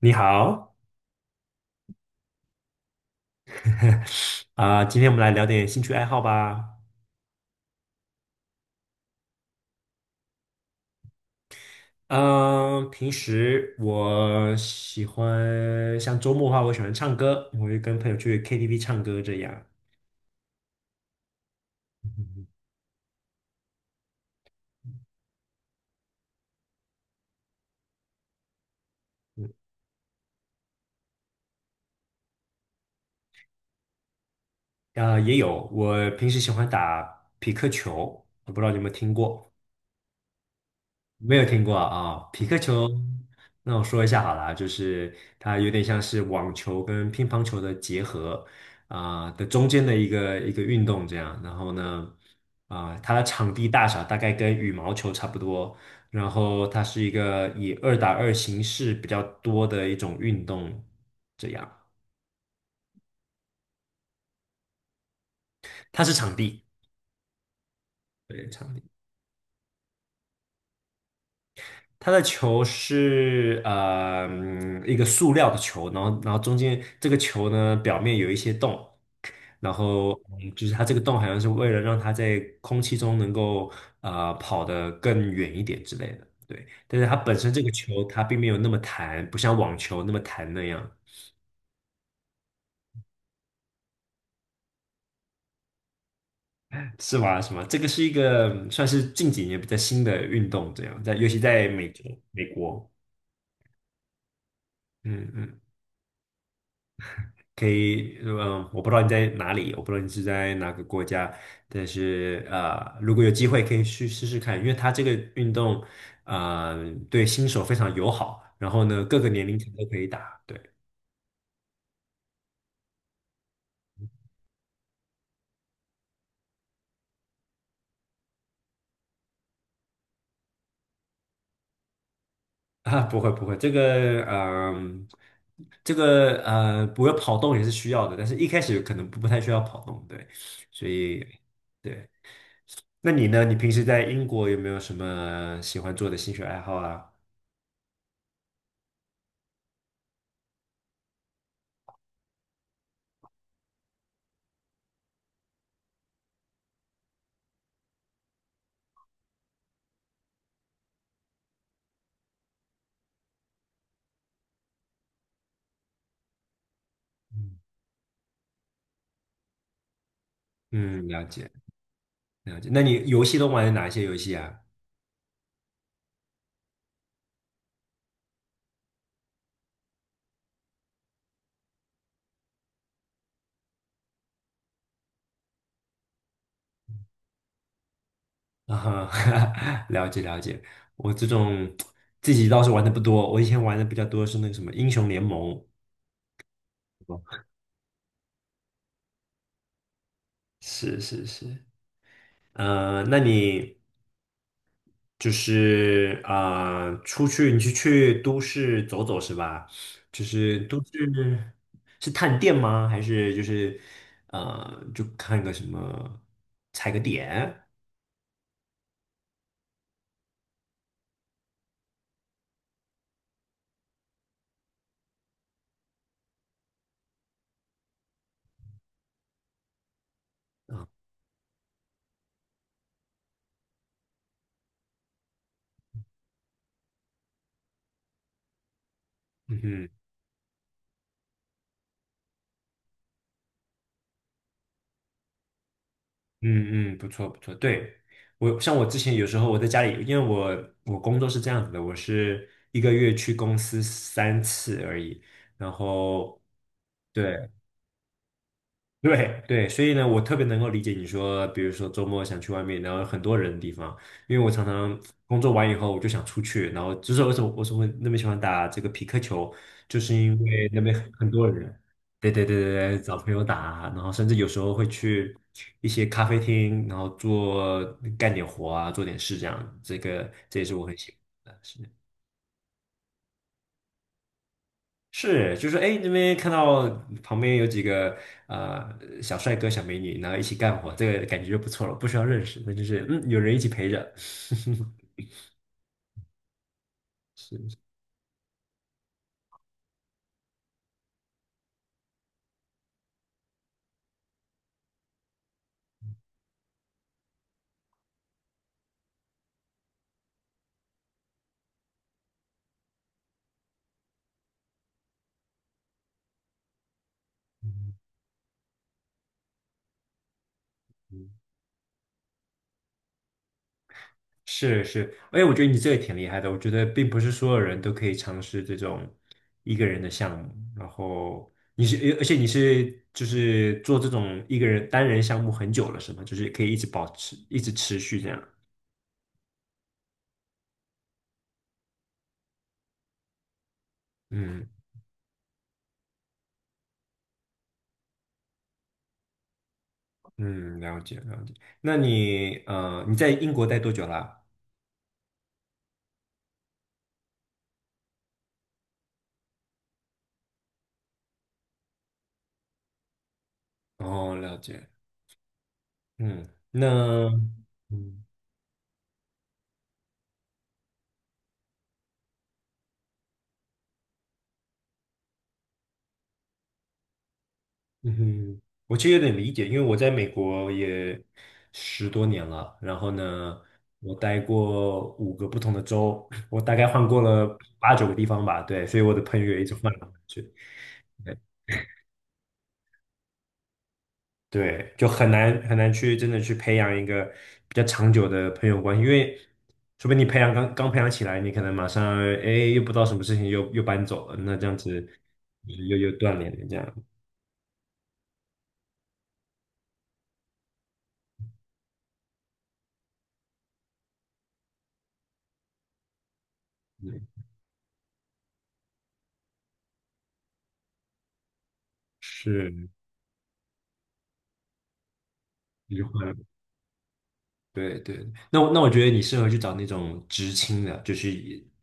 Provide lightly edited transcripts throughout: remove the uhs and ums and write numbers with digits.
你好，今天我们来聊点兴趣爱好吧。嗯，平时我喜欢，像周末的话，我喜欢唱歌，我会跟朋友去 KTV 唱歌这样。嗯嗯，也有，我平时喜欢打匹克球，我不知道你有没有听过。没有听过啊，匹克球。那我说一下好了啊，就是它有点像是网球跟乒乓球的结合，的中间的一个运动这样。然后呢，它的场地大小大概跟羽毛球差不多，然后它是一个以二打二形式比较多的一种运动，这样。它是场地，对，场地。它的球是一个塑料的球，然后中间这个球呢表面有一些洞，嗯，就是它这个洞好像是为了让它在空气中能够跑得更远一点之类的，对。但是它本身这个球它并没有那么弹，不像网球那么弹那样，是吧？什么？这个是一个嗯算是近几年比较新的运动，这样在尤其在美洲、美国，嗯嗯。可以，嗯，我不知道你在哪里，我不知道你是在哪个国家，但是啊，如果有机会可以去试试看，因为它这个运动，对新手非常友好，然后呢，各个年龄层都可以打，对啊，不会不会，这个这个不会跑动也是需要的，但是一开始可能不太需要跑动，对，所以对，那你呢？你平时在英国有没有什么喜欢做的兴趣爱好啊？嗯，嗯了解。了解，那你游戏都玩哪些游戏啊？啊哈，了解了解。我这种自己倒是玩的不多，我以前玩的比较多是那个什么英雄联盟。是是是，那你出去你是去都市走走是吧？就是都市是探店吗？还是就看个什么踩个点？嗯哼。嗯嗯，不错不错，对，我像我之前有时候我在家里，因为我工作是这样子的，我是一个月去公司三次而已，然后对，对对，所以呢，我特别能够理解你说，比如说周末想去外面，然后很多人的地方，因为我常常工作完以后我就想出去，然后就是为什么那么喜欢打这个匹克球，就是因为那边很多人，对对对对对，找朋友打，然后甚至有时候会去一些咖啡厅，然后做干点活啊，做点事这样，这个这也是我很喜欢的，事情。是，就是哎，那边看到旁边有几个小帅哥、小美女，然后一起干活，这个感觉就不错了，不需要认识，那就是嗯，有人一起陪着。是嗯嗯是是，哎，我觉得你这个挺厉害的。我觉得并不是所有人都可以尝试这种一个人的项目。然后你是，而且你是就是做这种一个人单人项目很久了，是吗？就是可以一直保持，一直持续这样。嗯嗯，了解了解。那你你在英国待多久啦？哦，了解。嗯，那嗯嗯哼，我其实有点理解，因为我在美国也十多年了。然后呢，我待过五个不同的州，我大概换过了八九个地方吧。对，所以我的朋友也一直换来换去。对，就很难去真的去培养一个比较长久的朋友关系，因为除非你培养培养起来，你可能马上哎又不知道什么事情又搬走了，那这样子就是又断联了这样，嗯，是离婚了。对对。那我觉得你适合去找那种知青的，就是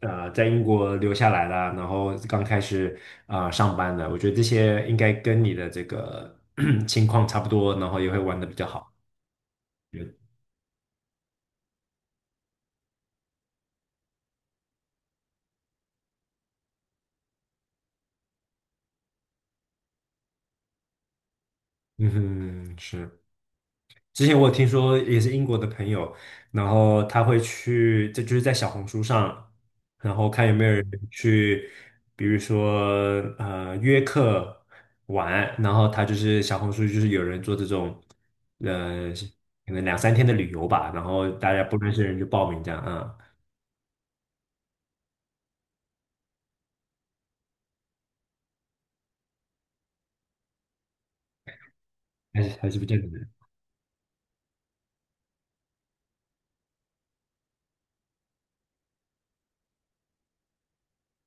在英国留下来啦，然后刚开始上班的，我觉得这些应该跟你的这个 情况差不多，然后也会玩的比较好。嗯哼，是。之前我有听说也是英国的朋友，然后他会去，这就是在小红书上，然后看有没有人嗯去，比如说约客玩，然后他就是小红书就是有人做这种，呃可能两三天的旅游吧，然后大家不认识的人就报名这样啊，还是不见得的，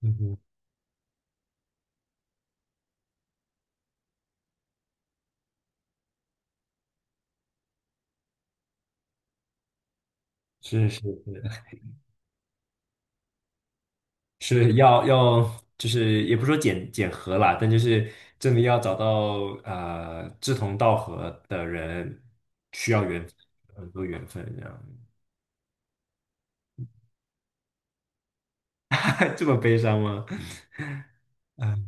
嗯哼，是是，要，就是也不说检核啦，但就是真的要找到志同道合的人，需要缘很多缘分这样，这么悲伤吗？嗯，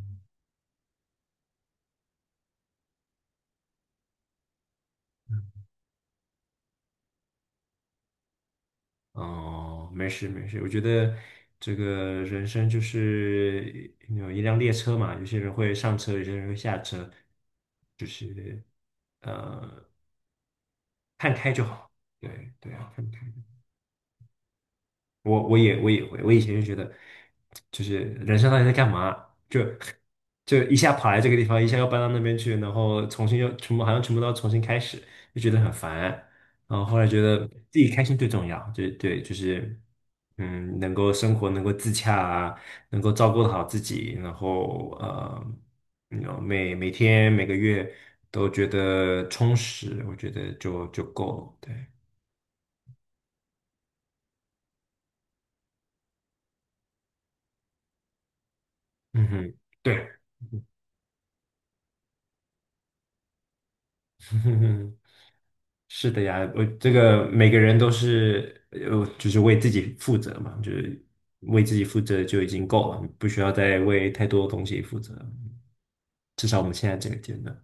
哦，没事没事，我觉得这个人生就是有一辆列车嘛，有些人会上车，有些人会下车，就是呃看开就好，对对啊。看开也也会，我以前就觉得，就是人生到底在干嘛？就就一下跑来这个地方，一下又搬到那边去，然后重新又全部好像全部都要重新开始，就觉得很烦。然后后来觉得自己开心最重要，就对，就是嗯，能够生活能够自洽啊，能够照顾好自己，然后嗯每天每个月都觉得充实，我觉得就够了。对，嗯哼，对。是的呀，我这个每个人都是就是为自己负责嘛，就是为自己负责就已经够了，不需要再为太多东西负责。至少我们现在这个阶段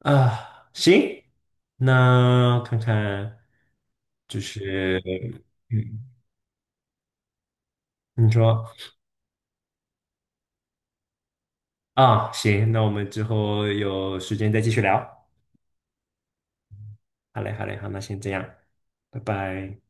啊，行，那看看就是嗯，你说啊，行，那我们之后有时间再继续聊。好嘞，好嘞，好，那先这样，拜拜。